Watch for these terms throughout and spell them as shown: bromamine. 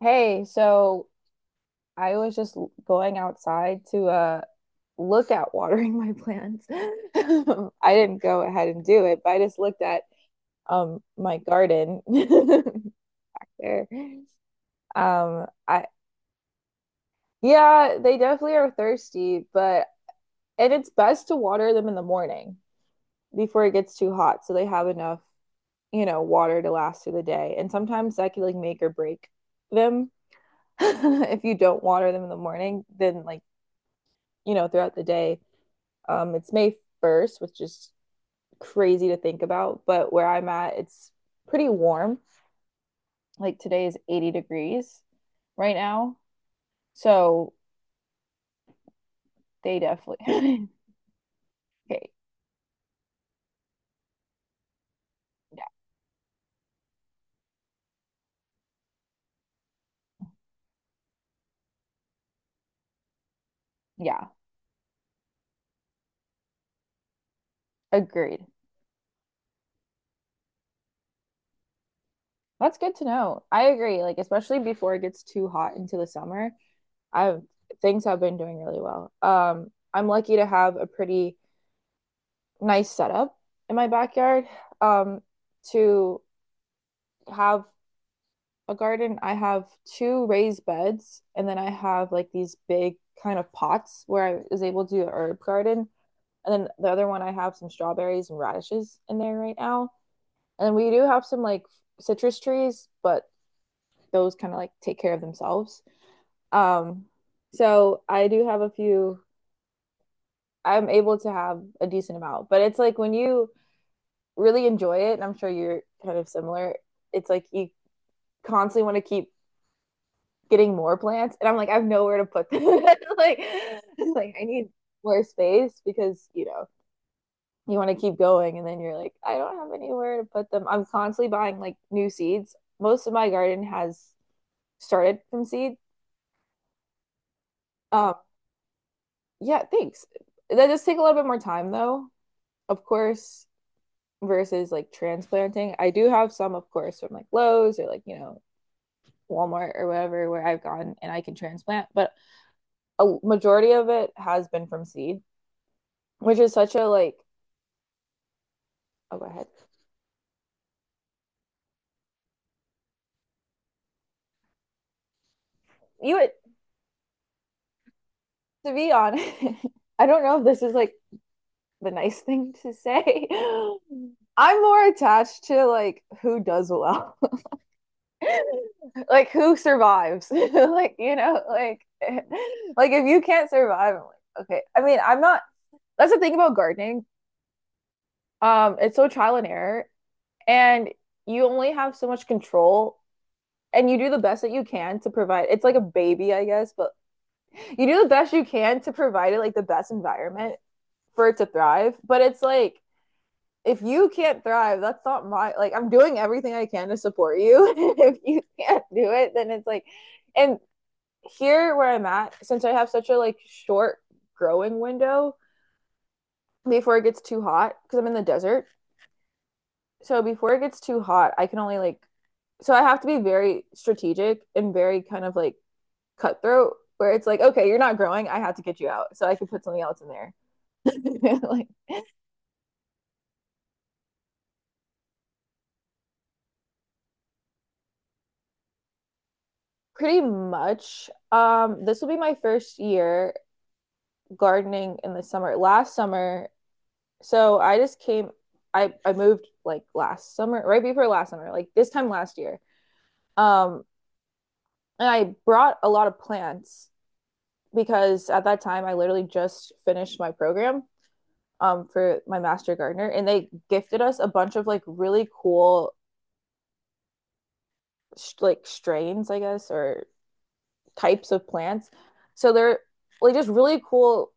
Hey, so I was going outside to look at watering my plants. I didn't go ahead and do it, but I just looked at my garden there. I Yeah, they definitely are thirsty, but and it's best to water them in the morning before it gets too hot so they have enough, water to last through the day. And sometimes that can like make or break them. If you don't water them in the morning, then throughout the day. It's May 1st, which is crazy to think about, but where I'm at, it's pretty warm. Like today is 80 degrees right now. So they definitely, okay. Yeah. Yeah. Agreed. That's good to know. I agree. Like, especially before it gets too hot into the summer, I've things have been doing really well. I'm lucky to have a pretty nice setup in my backyard, um, to have a garden. I have 2 raised beds, and then I have like these big kind of pots where I was able to do an herb garden. And then the other one, I have some strawberries and radishes in there right now. And we do have some like citrus trees, but those kind of like take care of themselves. Um, so I do have a few, I'm able to have a decent amount, but it's like when you really enjoy it, and I'm sure you're kind of similar, it's like you constantly want to keep getting more plants and I'm like I have nowhere to put them. like like I need more space because, you know, you want to keep going and then you're like I don't have anywhere to put them. I'm constantly buying like new seeds. Most of my garden has started from seed. Um, yeah, thanks. That does take a little bit more time though. Of course, versus like transplanting. I do have some, of course, from like Lowe's or like, you know, Walmart or whatever where I've gone and I can transplant, but a majority of it has been from seed, which is such a like oh go ahead. You would, to be honest, I don't know if this is like the nice thing to say. I'm more attached to like who does well, like who survives. Like, you know, like like if you can't survive I'm like okay, I'm not. That's the thing about gardening. Um, it's so trial and error, and you only have so much control, and you do the best that you can to provide. It's like a baby, I guess, but you do the best you can to provide it like the best environment for it to thrive. But it's like if you can't thrive, that's not my like. I'm doing everything I can to support you. If you can't do it, then it's like, and here where I'm at, since I have such a like short growing window before it gets too hot, because I'm in the desert. So before it gets too hot, I can only like, so I have to be very strategic and very kind of like cutthroat where it's like, okay, you're not growing, I have to get you out. So I can put something else in there. Like pretty much. This will be my first year gardening in the summer. Last summer, so I just came I moved like last summer, right before last summer, like this time last year. Um, and I brought a lot of plants because at that time I literally just finished my program, for my master gardener, and they gifted us a bunch of like really cool like strains, I guess, or types of plants. So they're like just really cool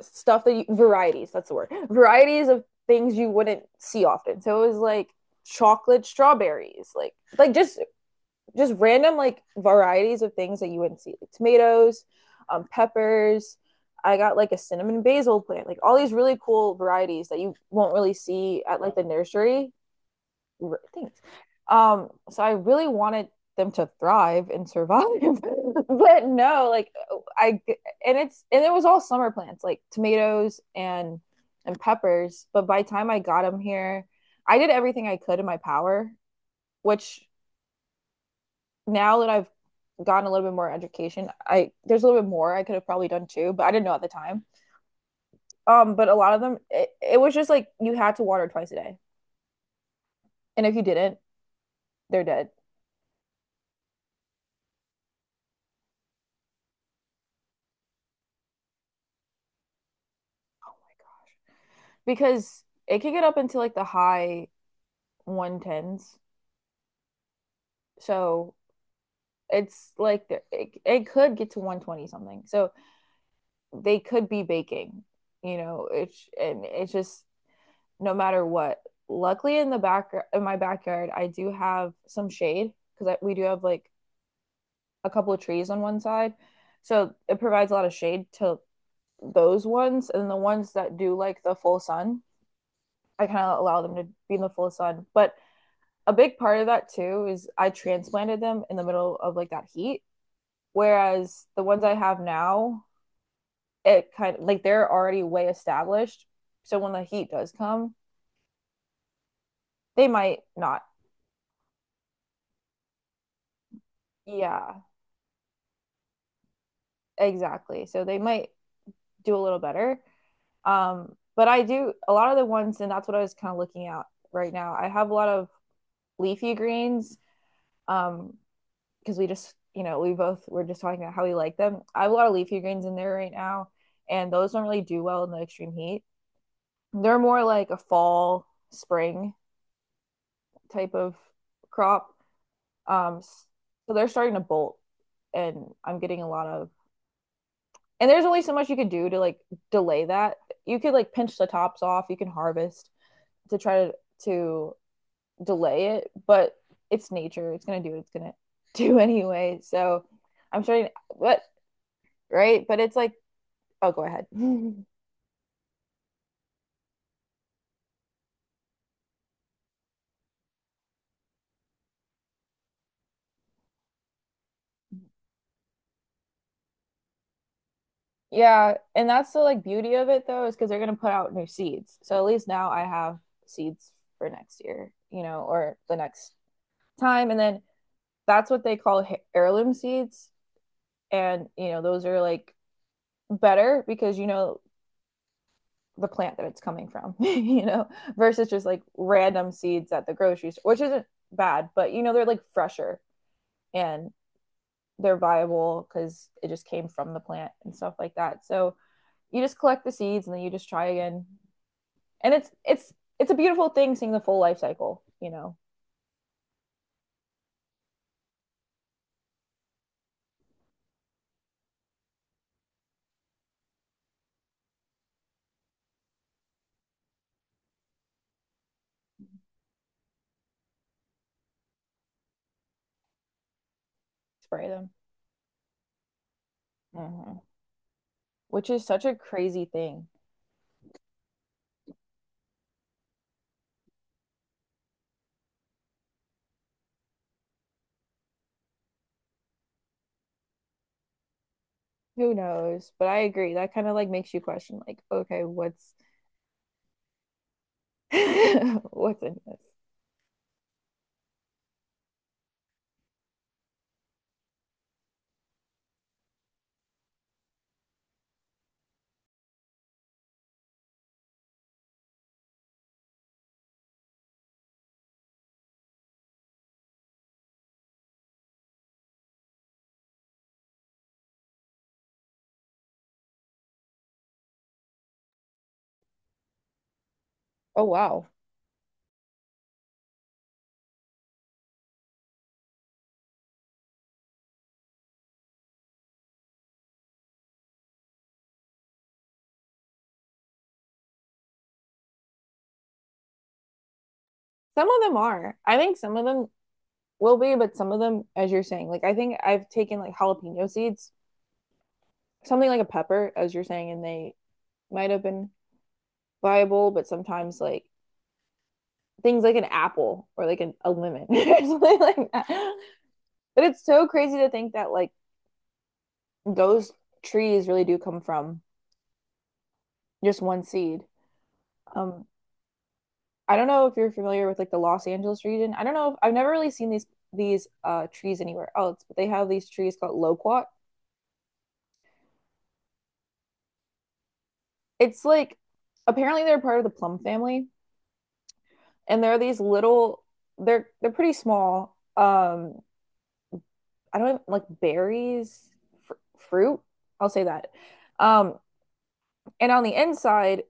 stuff varieties, that's the word. Varieties of things you wouldn't see often. So it was like chocolate strawberries, like just random like varieties of things that you wouldn't see, like tomatoes, peppers. I got like a cinnamon basil plant, like all these really cool varieties that you won't really see at like the nursery things. So I really wanted them to thrive and survive, but no, like I and it was all summer plants like tomatoes and peppers. But by the time I got them here, I did everything I could in my power. Which now that I've gotten a little bit more education, I there's a little bit more I could have probably done too, but I didn't know at the time. But a lot of them, it was just like you had to water 2 times a day, and if you didn't, they're dead. Because it could get up into like the high 110s. So it's like it could get to 120 something. So they could be baking, you know, it's and it's just no matter what. Luckily in the back in my backyard, I do have some shade because we do have like a couple of trees on one side. So it provides a lot of shade to those ones, and the ones that do like the full sun, I kind of allow them to be in the full sun, but a big part of that too is I transplanted them in the middle of like that heat. Whereas the ones I have now, it kind of like they're already way established. So when the heat does come, they might not. Yeah, exactly. So they might do a little better. But I do a lot of the ones, and that's what I was kind of looking at right now. I have a lot of leafy greens, um, because we just you know we both were just talking about how we like them. I have a lot of leafy greens in there right now, and those don't really do well in the extreme heat. They're more like a fall, spring type of crop. Um, so they're starting to bolt, and I'm getting a lot of. And there's only so much you could do to like delay that. You could like pinch the tops off. You can harvest to try to delay it, but it's nature. It's gonna do what it's gonna do anyway. So I'm starting, but right, but it's like oh, go ahead. Yeah, and that's the like beauty of it though, is because they're gonna put out new seeds. So at least now I have seeds for next year, you know, or the next time. And then that's what they call heirloom seeds, and you know those are like better because you know the plant that it's coming from, you know, versus just like random seeds at the grocery store, which isn't bad, but you know they're like fresher, and they're viable because it just came from the plant and stuff like that. So you just collect the seeds and then you just try again. And it's a beautiful thing seeing the full life cycle, you know, spray them. Mhm. Which is such a crazy thing. Who knows? But I agree. That kind of like makes you question like, okay, what's what's in this? Oh wow. Some of them are. I think some of them will be, but some of them, as you're saying, like I think I've taken like jalapeno seeds, something like a pepper, as you're saying, and they might have been viable, but sometimes like things like an apple or like a lemon or something like that. But it's so crazy to think that like those trees really do come from just one seed. Um, I don't know if you're familiar with like the Los Angeles region. I don't know if I've never really seen these trees anywhere else, but they have these trees called loquat. It's like apparently they're part of the plum family, and they're these little they're pretty small. I don't even, like berries, fruit. I'll say that. Um, And on the inside,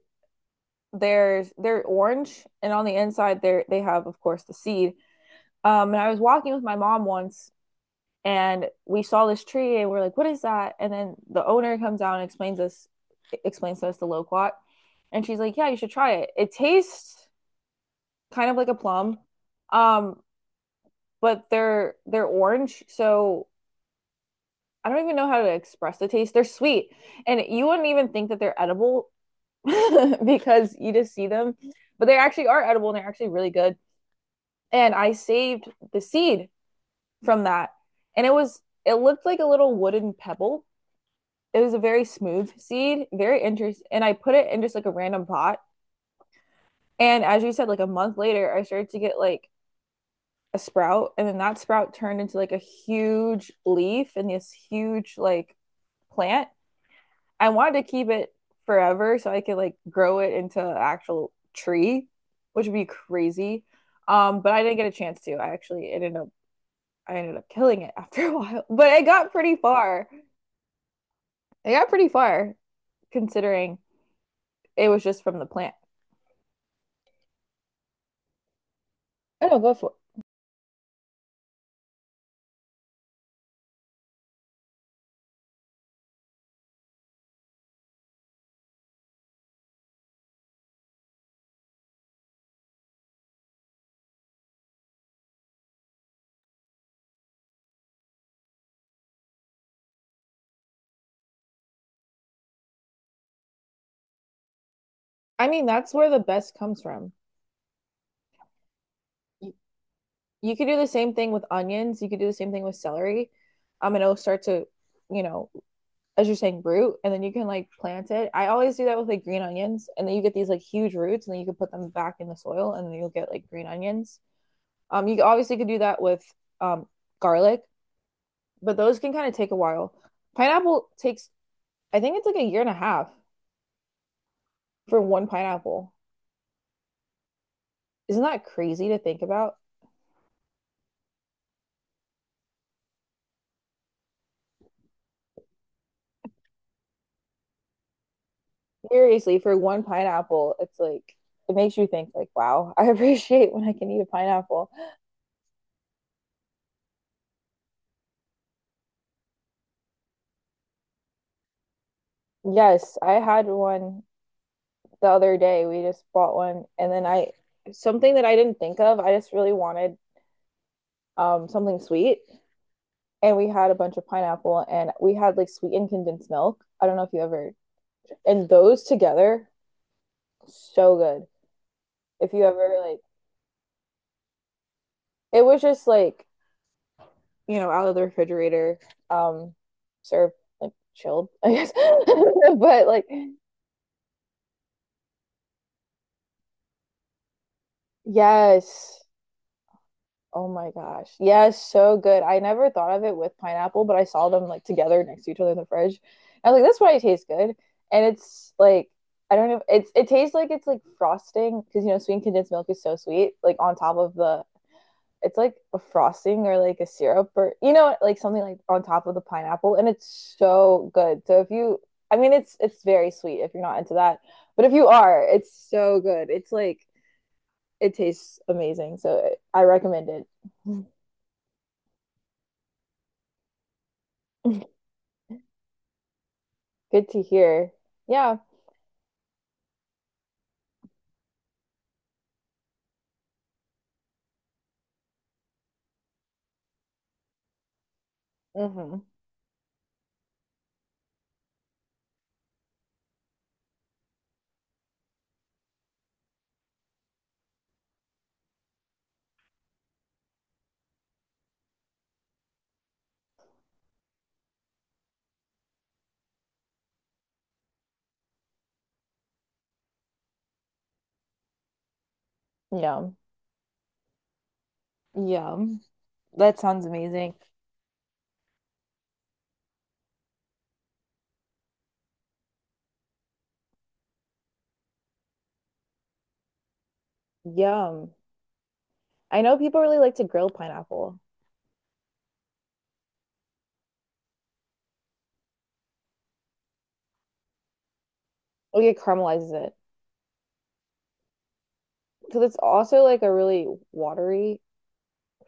there's they're orange, and on the inside, there they have, of course, the seed. And I was walking with my mom once, and we saw this tree, and we're like, "What is that?" And then the owner comes out and explains to us the loquat, and she's like, "Yeah, you should try it. It tastes kind of like a plum, um, but they're orange, so I don't even know how to express the taste. They're sweet, and you wouldn't even think that they're edible because you just see them, but they actually are edible and they're actually really good. And I saved the seed from that, and it looked like a little wooden pebble. It was a very smooth seed, very interesting. And I put it in just like a random pot. And as you said, like a month later, I started to get like a sprout, and then that sprout turned into like a huge leaf and this huge like plant. I wanted to keep it forever so I could like grow it into an actual tree, which would be crazy. But I didn't get a chance to. I ended up killing it after a while. But it got pretty far. It got pretty far considering it was just from the plant. I don't go for it. I mean, that's where the best comes from. You, you could do the same thing with onions. You could do the same thing with celery. And it'll start to, you know, as you're saying, root, and then you can like plant it. I always do that with like green onions, and then you get these like huge roots, and then you can put them back in the soil, and then you'll get like green onions. You obviously could do that with um garlic, but those can kind of take a while. Pineapple takes, I think, it's like a year and a half for one pineapple. Isn't that crazy to think about? Seriously, for one pineapple, it's like it makes you think like, wow. I appreciate when I can eat a pineapple. Yes, I had one the other day. We just bought one, and then I, something that I didn't think of, I just really wanted something sweet, and we had a bunch of pineapple and we had like sweetened condensed milk. I don't know if you ever, and those together, so good. If you ever like, it was just like, out of the refrigerator, um served like chilled, I guess. But like, yes. Oh my gosh. Yeah, so good. I never thought of it with pineapple, but I saw them like together next to each other in the fridge. I was like, that's why it tastes good. And it's like, I don't know. It tastes like it's like frosting because sweet condensed milk is so sweet. Like on top of the, it's like a frosting or like a syrup, or like something like on top of the pineapple, and it's so good. So if you, I mean, it's very sweet if you're not into that, but if you are, it's so good. It's like it tastes amazing. So I recommend it. Good to hear. Yeah. Hmm. Yum. Yum. That sounds amazing. Yum. I know people really like to grill pineapple. Like it caramelizes it. Because it's also like a really watery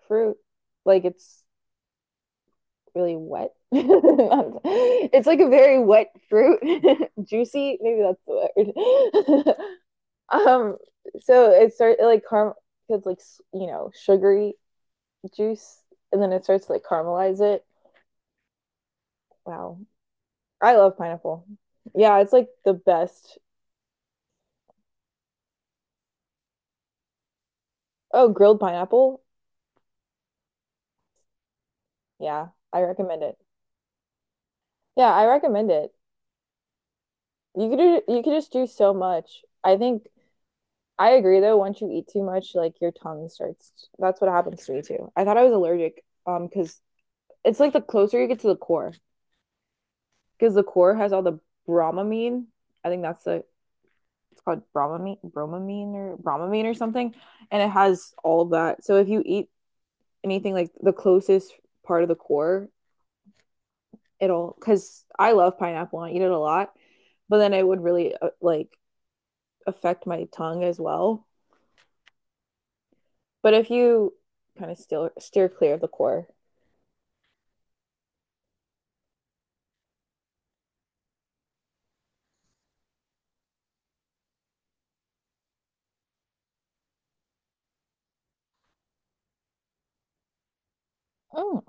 fruit. Like it's really wet. It's like a very wet fruit. Juicy, maybe that's the word. Um, so it starts like caram it's like sugary juice, and then it starts to like caramelize it. Wow. I love pineapple. Yeah, it's like the best. Oh, grilled pineapple. Yeah, I recommend it. Yeah, I recommend it. You could just do so much. I think I agree though, once you eat too much, like your tongue starts. That's what happens to me too. I thought I was allergic because it's like the closer you get to the core because the core has all the bromamine. I think that's the it's called bromamine, bromamine or bromamine or something, and it has all that. So if you eat anything like the closest part of the core, it'll because I love pineapple. I eat it a lot, but then it would really like affect my tongue as well. But if you kind of steer clear of the core. Oh,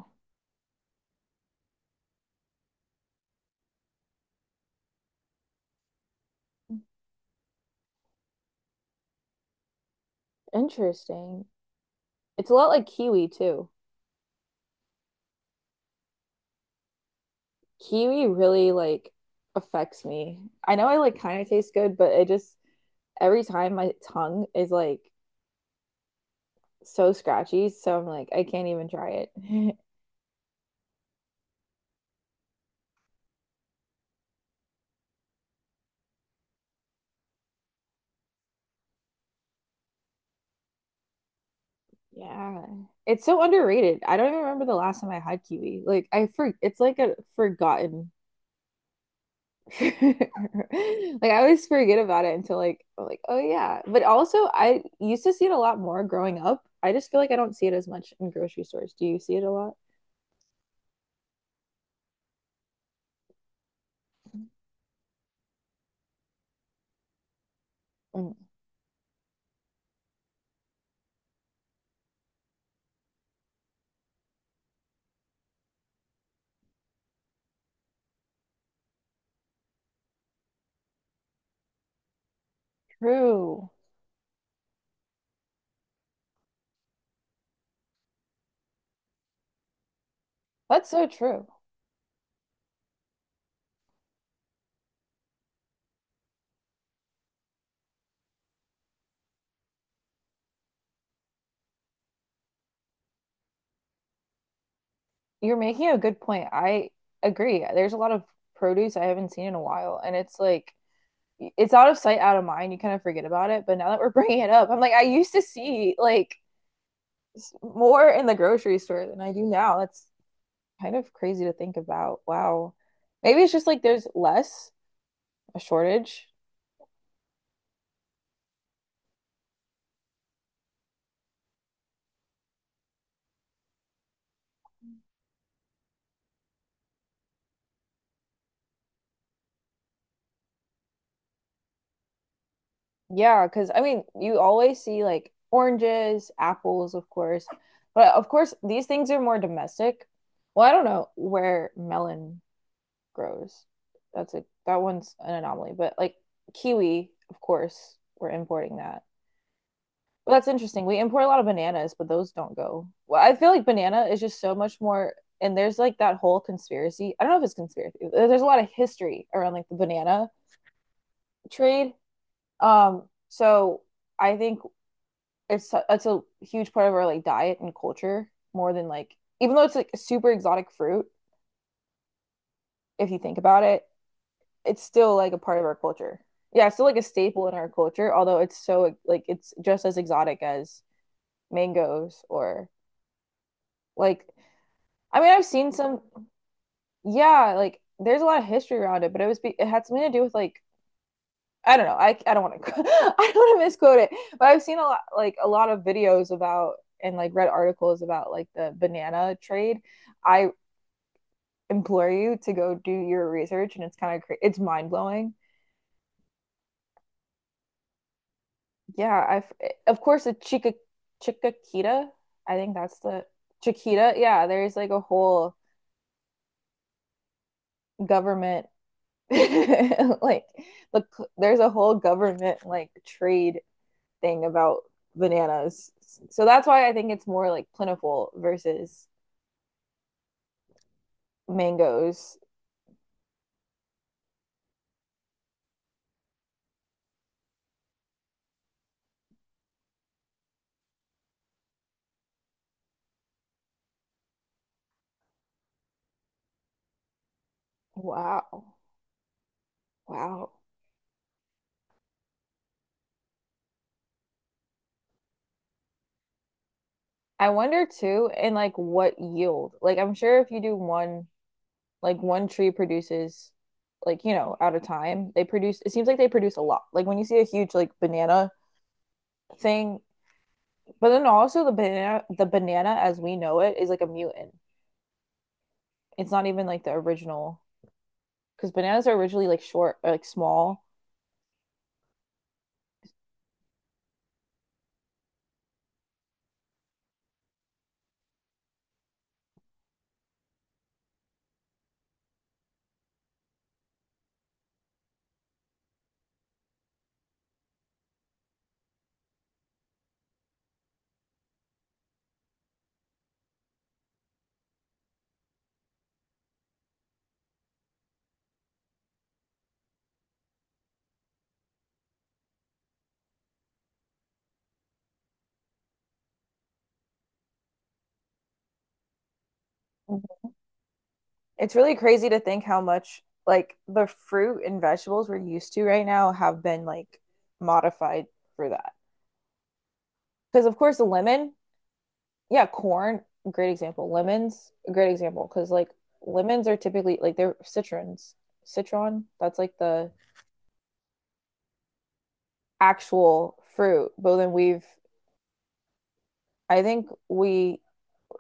interesting. It's a lot like kiwi too. Kiwi really like affects me. I know I like kind of taste good, but it just every time my tongue is like so scratchy, so I'm like I can't even try it. Yeah. It's so underrated. I don't even remember the last time I had kiwi. Like I for it's like a forgotten like I always forget about it until like I'm like, oh yeah. But also I used to see it a lot more growing up. I just feel like I don't see it as much in grocery stores. Do you see it a lot? Mm. True. That's so true. You're making a good point. I agree. There's a lot of produce I haven't seen in a while, and it's like it's out of sight, out of mind. You kind of forget about it. But now that we're bringing it up, I'm like, I used to see like more in the grocery store than I do now. That's kind of crazy to think about. Wow. Maybe it's just like there's less a shortage. Yeah, because I mean, you always see like oranges, apples, of course. But of course, these things are more domestic. Well, I don't know where melon grows. That one's an anomaly, but like kiwi, of course, we're importing that. Well, that's interesting. We import a lot of bananas, but those don't go. Well, I feel like banana is just so much more, and there's like that whole conspiracy. I don't know if it's conspiracy. There's a lot of history around like the banana trade. So I think it's a huge part of our like diet and culture more than like even though it's like a super exotic fruit, if you think about it, it's still like a part of our culture. Yeah, it's still like a staple in our culture, although it's so like it's just as exotic as mangoes, or like, I mean, I've seen some, yeah, like there's a lot of history around it, but it had something to do with like, I don't know. I don't want to I don't want to misquote it, but I've seen a lot like a lot of videos about and like read articles about like the banana trade. I implore you to go do your research, and it's kind of it's mind blowing. Yeah, I've of course the Chica Chiquita. I think that's the Chiquita. Yeah, there's like a whole government like the there's a whole government like trade thing about bananas. So that's why I think it's more like plentiful versus mangoes. Wow. Wow. I wonder too, and like what yield. Like I'm sure if you do one, like one tree produces, like, at a time, they produce, it seems like they produce a lot. Like when you see a huge like banana thing, but then also the banana as we know it is like a mutant. It's not even like the original because bananas are originally like short or like small. Mhm. It's really crazy to think how much like the fruit and vegetables we're used to right now have been like modified for that. Because of course the lemon, yeah, corn, great example. Lemons, a great example because like lemons are typically like they're citrons. Citron, that's like the actual fruit. But then we've, I think we,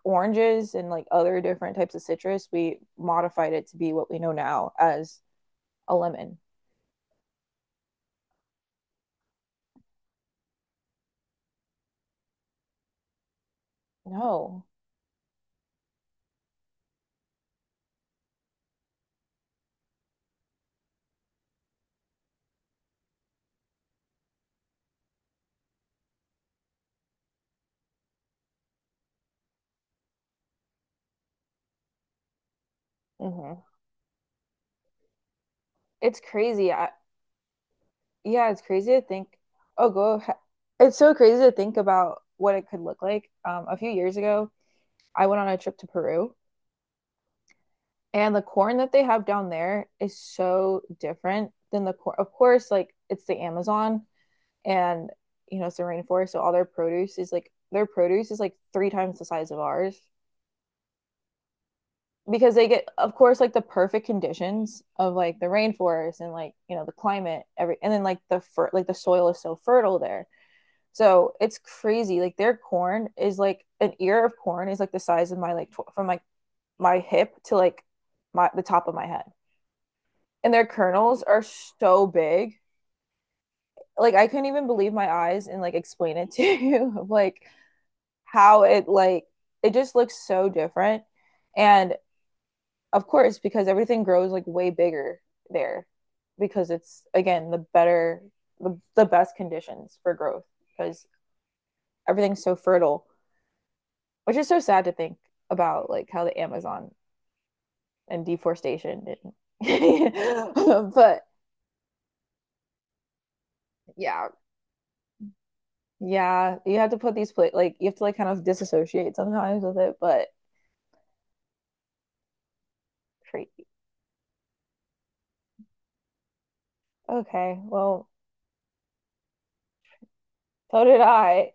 oranges and like other different types of citrus, we modified it to be what we know now as a lemon. No. Hmm. It's crazy. I, yeah, it's crazy to think. Oh, go. It's so crazy to think about what it could look like. A few years ago, I went on a trip to Peru, and the corn that they have down there is so different than the corn. Of course, like it's the Amazon, and it's the rainforest. So all their produce is like three times the size of ours because they get, of course, like the perfect conditions of like the rainforest and like, the climate, and then like like the soil is so fertile there. So it's crazy. Like their corn is like an ear of corn is like the size of my like from like my hip to like my the top of my head, and their kernels are so big. Like I couldn't even believe my eyes and like explain it to you like how it like it just looks so different. And of course, because everything grows like way bigger there because it's again the best conditions for growth because everything's so fertile, which is so sad to think about like how the Amazon and deforestation and but yeah. Yeah, you have to put these play like you have to like kind of disassociate sometimes with it, but crazy. Okay, well, so did I.